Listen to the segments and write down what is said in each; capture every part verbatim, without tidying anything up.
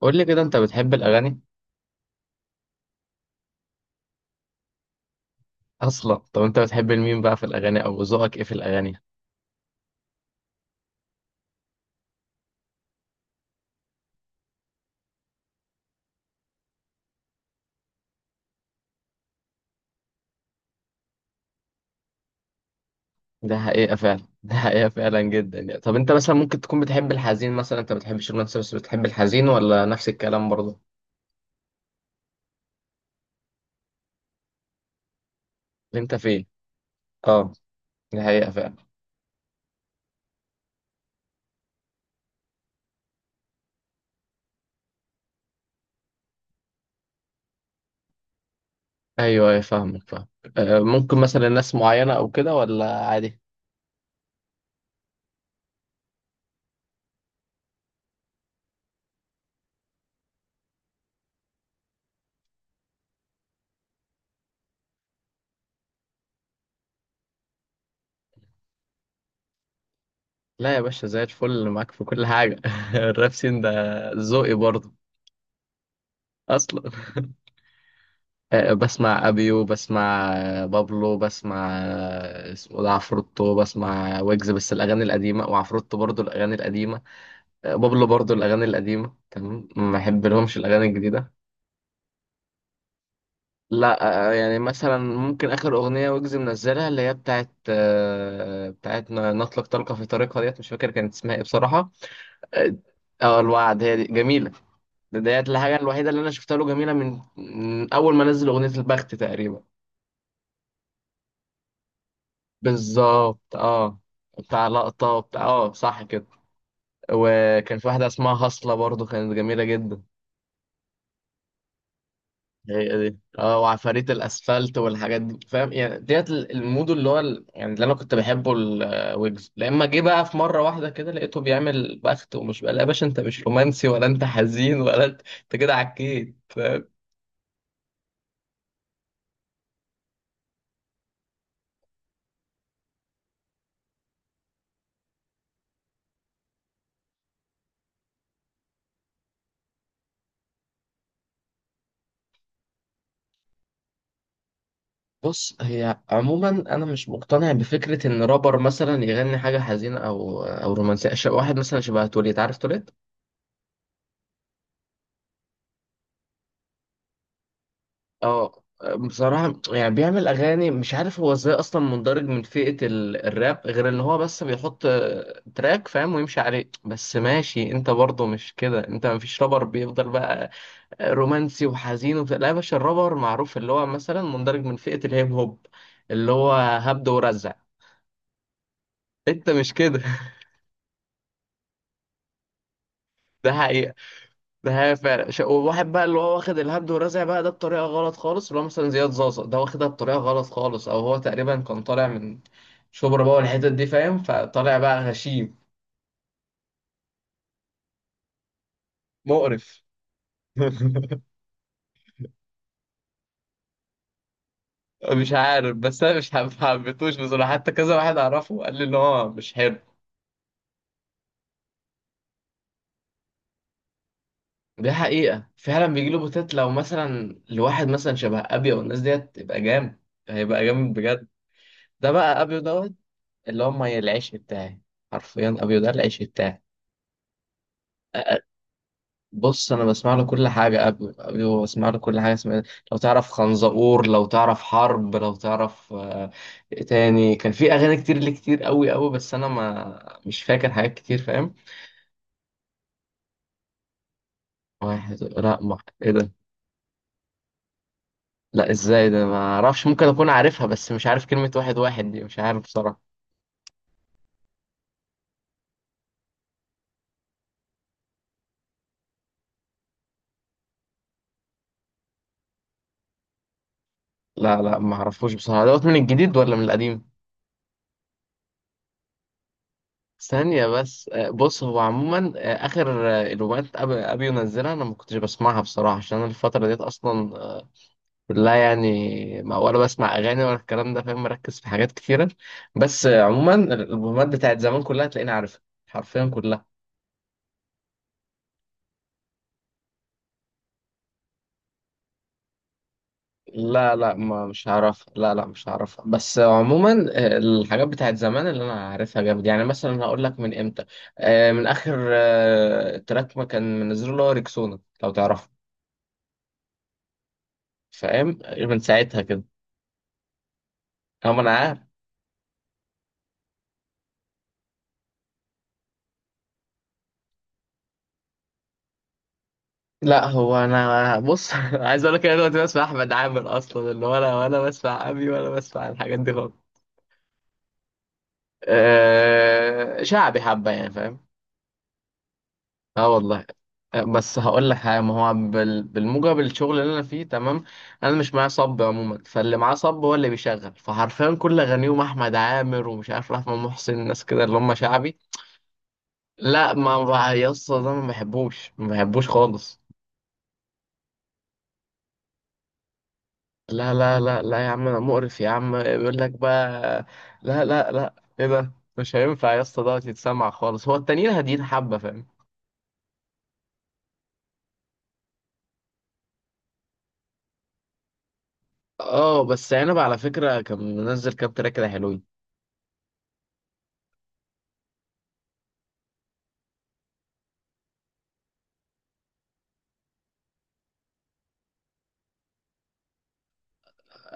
قول لي كده انت بتحب الاغاني. اصلا طب انت بتحب مين بقى في الاغاني او ذوقك ايه في الاغاني؟ ده حقيقه فعلا. ده حقيقه فعلا جدا. يعني طب انت مثلا ممكن تكون بتحب الحزين، مثلا انت ما بتحبش الرومانسي بس بتحب الحزين ولا نفس الكلام برضه؟ اللي انت فيه. اه. ده حقيقه فعلا. ايوه ايوه، فاهمك فاهم. آه، ممكن مثلا ناس معينه او كده ولا عادي؟ لا يا باشا، زي الفل معاك في كل حاجه. الراب سين ده ذوقي برضه. اصلا آه، بسمع ابيو، بسمع آه، بابلو، بسمع آه، اسمه ده عفروتو، بسمع ويجز بس الاغاني القديمه، وعفروتو برضو الاغاني القديمه. آه، بابلو برضو الاغاني القديمه. تمام، ما بحب لهمش الاغاني الجديده. لا. آه، آه، يعني مثلا ممكن اخر اغنيه ويجز منزلها اللي هي بتاعت آه، بتاعت ن- نطلق طلقه في طريقها ديت، مش فاكر كانت اسمها ايه بصراحه. اه. آه، الوعد، هي دي جميله. ده- ديت الحاجه الوحيده اللي انا شفتها له جميله من من اول ما نزل اغنيه البخت تقريبا. بالظبط اه. بتاع لقطة وبتاع، اه صح كده. وكان في واحدة اسمها هصلة، برضو كانت جميلة جدا. هي دي اه، وعفاريت الاسفلت والحاجات دي، فاهم يعني ديت ال- المود اللي هو ال- يعني اللي انا كنت بحبه الويجز. لما جه بقى في مرة واحدة كده لقيته بيعمل بخت ومش بقى. لا يا باشا، انت مش رومانسي ولا انت حزين، ولا انت انت كده عكيت فاهم. بص، هي عموما انا مش مقتنع بفكرة ان رابر مثلا يغني حاجة حزينة او او رومانسية. ش- واحد مثلا شبه توليت، عارف توليت؟ اه، بصراحة يعني بيعمل أغاني مش عارف هو ازاي أصلا مندرج من فئة ال- الراب، غير إن هو بس بيحط آه، تراك فاهم ويمشي عليه. بس ماشي، أنت برضه مش كده. أنت مفيش رابر بيفضل بقى رومانسي وحزين وبتاع. لا يا باشا، الرابر معروف اللي هو مثلا مندرج من فئة الهيب هوب، اللي هو هبد ورزع. أنت مش كده. ده حقيقة. ده هي فعلا. ش- وواحد بقى اللي هو واخد الهبد ورزع بقى ده بطريقه غلط خالص، اللي هو مثلا زياد زازا ده واخدها بطريقه غلط خالص. او هو تقريبا كان طالع من شبرا بقى والحتت دي، فاهم؟ فطالع بقى غشيم. مقرف. مش عارف، بس انا مش حب- حبيتهوش بصراحه. حتى كذا واحد اعرفه قال لي ان هو مش حلو. دي حقيقه فعلا، بيجي له بوتات. لو مثلا لواحد مثلا شبه ابيو والناس ديت تبقى جامد، هيبقى جامد بجد. ده بقى ابيو دوت، اللي هم العيش بتاعي. حرفيا ابيو ده العيش بتاعي. بص انا بسمع له كل حاجه. قبل قبل بسمع له كل حاجه اسمها إيه، لو تعرف خنزقور، لو تعرف حرب، لو تعرف آه، إيه تاني. كان في اغاني كتير ليه، كتير قوي قوي، بس انا ما مش فاكر حاجات كتير فاهم. واحد؟ لا ما، ايه ده. لا ازاي ده ما اعرفش، ممكن اكون عارفها بس مش عارف كلمه واحد واحد دي، مش عارف بصراحه. لا، لا، ما اعرفوش بصراحه. دوت من الجديد ولا من القديم؟ ثانية بس. آه، بص هو عموما آه، آخر آه، الألبومات أبي أبي ينزلها أنا ما كنتش بسمعها بصراحة، عشان أنا الفترة ديت أصلا لا يعني، ما ولا بسمع اغاني ولا الكلام ده، فاهم، مركز في حاجات كتيره. بس عموما الالبومات بتاعت زمان كلها تلاقيني عارفها، حرفيا كلها. لا، لا، ما مش هعرفها. لا، لا، مش هعرفها. بس عموما آه، الحاجات بتاعت زمان اللي انا عارفها جامد. يعني مثلا هقول لك من امتى. آه، من اخر آه، تراك ما كان منزله اللي هو ريكسونا، لو تعرفه. فاهم، من ساعتها كده. أه، ما انا عارف. لا هو انا بص، عايز اقول لك انا دلوقتي بسمع احمد عامر اصلا، اللي ولا ولا بسمع ابي ولا بسمع الحاجات دي خالص. أه، شعبي حبه يعني فاهم. اه والله. آه، بس هقول لك حاجه، ما هو بال- بالموجب الشغل اللي انا فيه تمام. انا مش معايا صب عموما، فاللي معاه صب هو اللي بيشغل. فحرفيا كل اغانيهم احمد عامر ومش عارف رحمه محسن، الناس كده اللي هم شعبي. لا، ما ما- يا اسطى ده ما بحبوش، ما بحبوش خالص. لا، لا، لا، لا يا عم، انا مقرف يا عم يقول لك بقى. لا، لا، لا، ايه ده. مش هينفع يا اسطى دوت يتسمع خالص. هو التانيين هاديين حبه فاهم. اه بس عنب على فكره كان منزل كام تراك كده حلوين.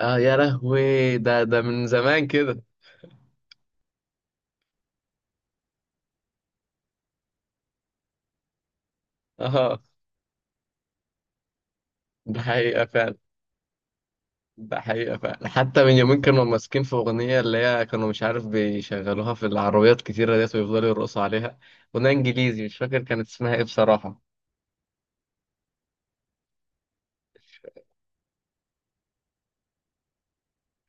اه يا لهوي، ده ده من زمان كده. اه ده حقيقه فعلا. ده حقيقه فعلا. حتى من يومين كانوا ماسكين في اغنيه، اللي هي كانوا مش عارف بيشغلوها في العربيات كتيره ديت ويفضلوا يرقصوا عليها. اغنيه انجليزي، مش فاكر كانت اسمها ايه بصراحه.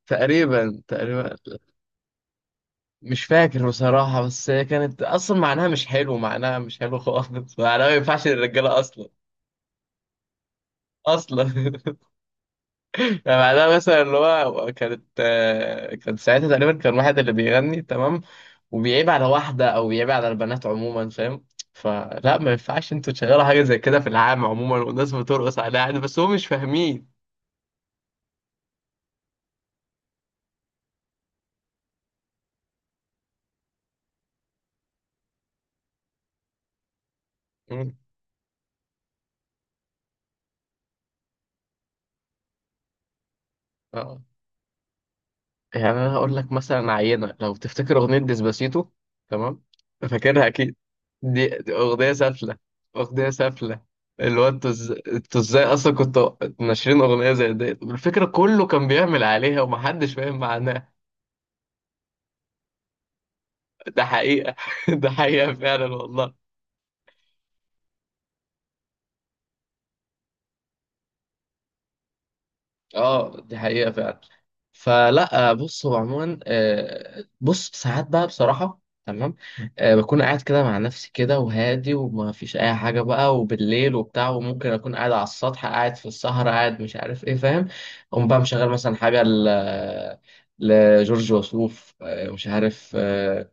تقريبا، تقريبا. مش فاكر بصراحة، بس هي كانت أصلا معناها مش حلو. معناها مش حلو خالص، معناها ما ينفعش للرجالة أصلا. أصلا. يعني معناها مثلا اللي هو كانت آه، كان ساعتها تقريبا كان واحد اللي بيغني تمام. وبيعيب على واحدة أو بيعيب على البنات عموما، فاهم. فلا ما ينفعش انتوا تشغلوا حاجة زي كده في العام عموما، والناس بترقص عليها عادي بس هم مش فاهمين. مم. اه يعني انا هقول لك مثلا عينه، لو تفتكر اغنيه ديسباسيتو، تمام، فاكرها اكيد. دي, دي اغنيه سافله، اغنيه سافله. اللي هو انتوا إز- انتوا ازاي اصلا كنتوا ناشرين اغنيه زي دي، الفكره كله كان بيعمل عليها ومحدش فاهم معناها. ده حقيقه. ده حقيقه فعلا والله. اه، دي حقيقة فعلا. فلا بص، هو عموما آه، بص ساعات بقى بصراحة، تمام. آه، بكون قاعد كده مع نفسي كده وهادي وما فيش أي حاجة بقى، وبالليل وبتاع، وممكن أكون قاعد على السطح، قاعد في السهرة، قاعد مش عارف إيه، فاهم. أقوم بقى مشغل مثلا حاجة ل- لجورج وسوف، آه، مش عارف آه،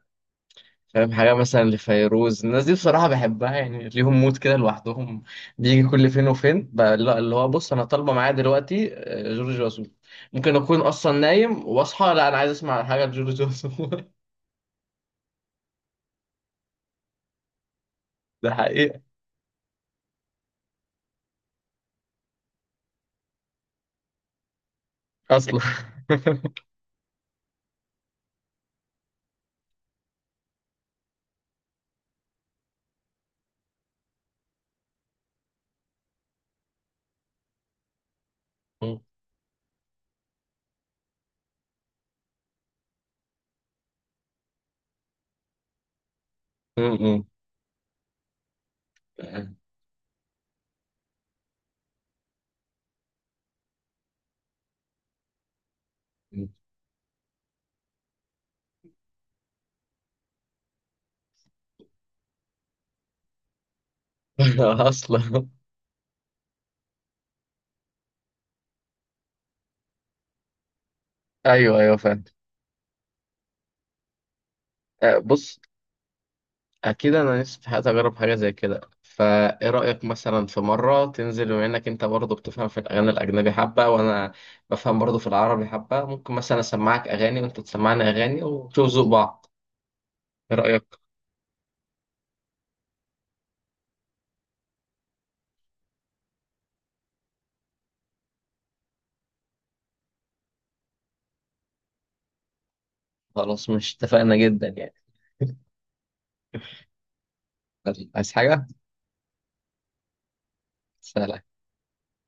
فاهم، حاجة مثلا لفيروز، الناس دي بصراحة بحبها يعني، ليهم مود كده لوحدهم. بيجي كل فين وفين بقى لا- اللي هو بص، أنا طالبة معايا دلوقتي آه، جورج وسوف. ممكن أكون أصلا نايم وأصحى لا، أنا عايز أسمع حاجة لجورج وسوف. ده حقيقة. أصلا. م- م. م. أصلا. أيوه، أيوه فاهم. آه، بص اكيد انا نفسي في حياتي اجرب حاجه زي كده. فايه رايك مثلا في مره تنزل، بما انك انت برضه بتفهم في الاغاني الاجنبي حبه، وانا بفهم برضه في العربي حبه؟ ممكن مثلا اسمعك اغاني وانت تسمعني اغاني ونشوف ذوق بعض. ايه رايك؟ خلاص مش اتفقنا جدا يعني. عايز حاجه؟ سلام.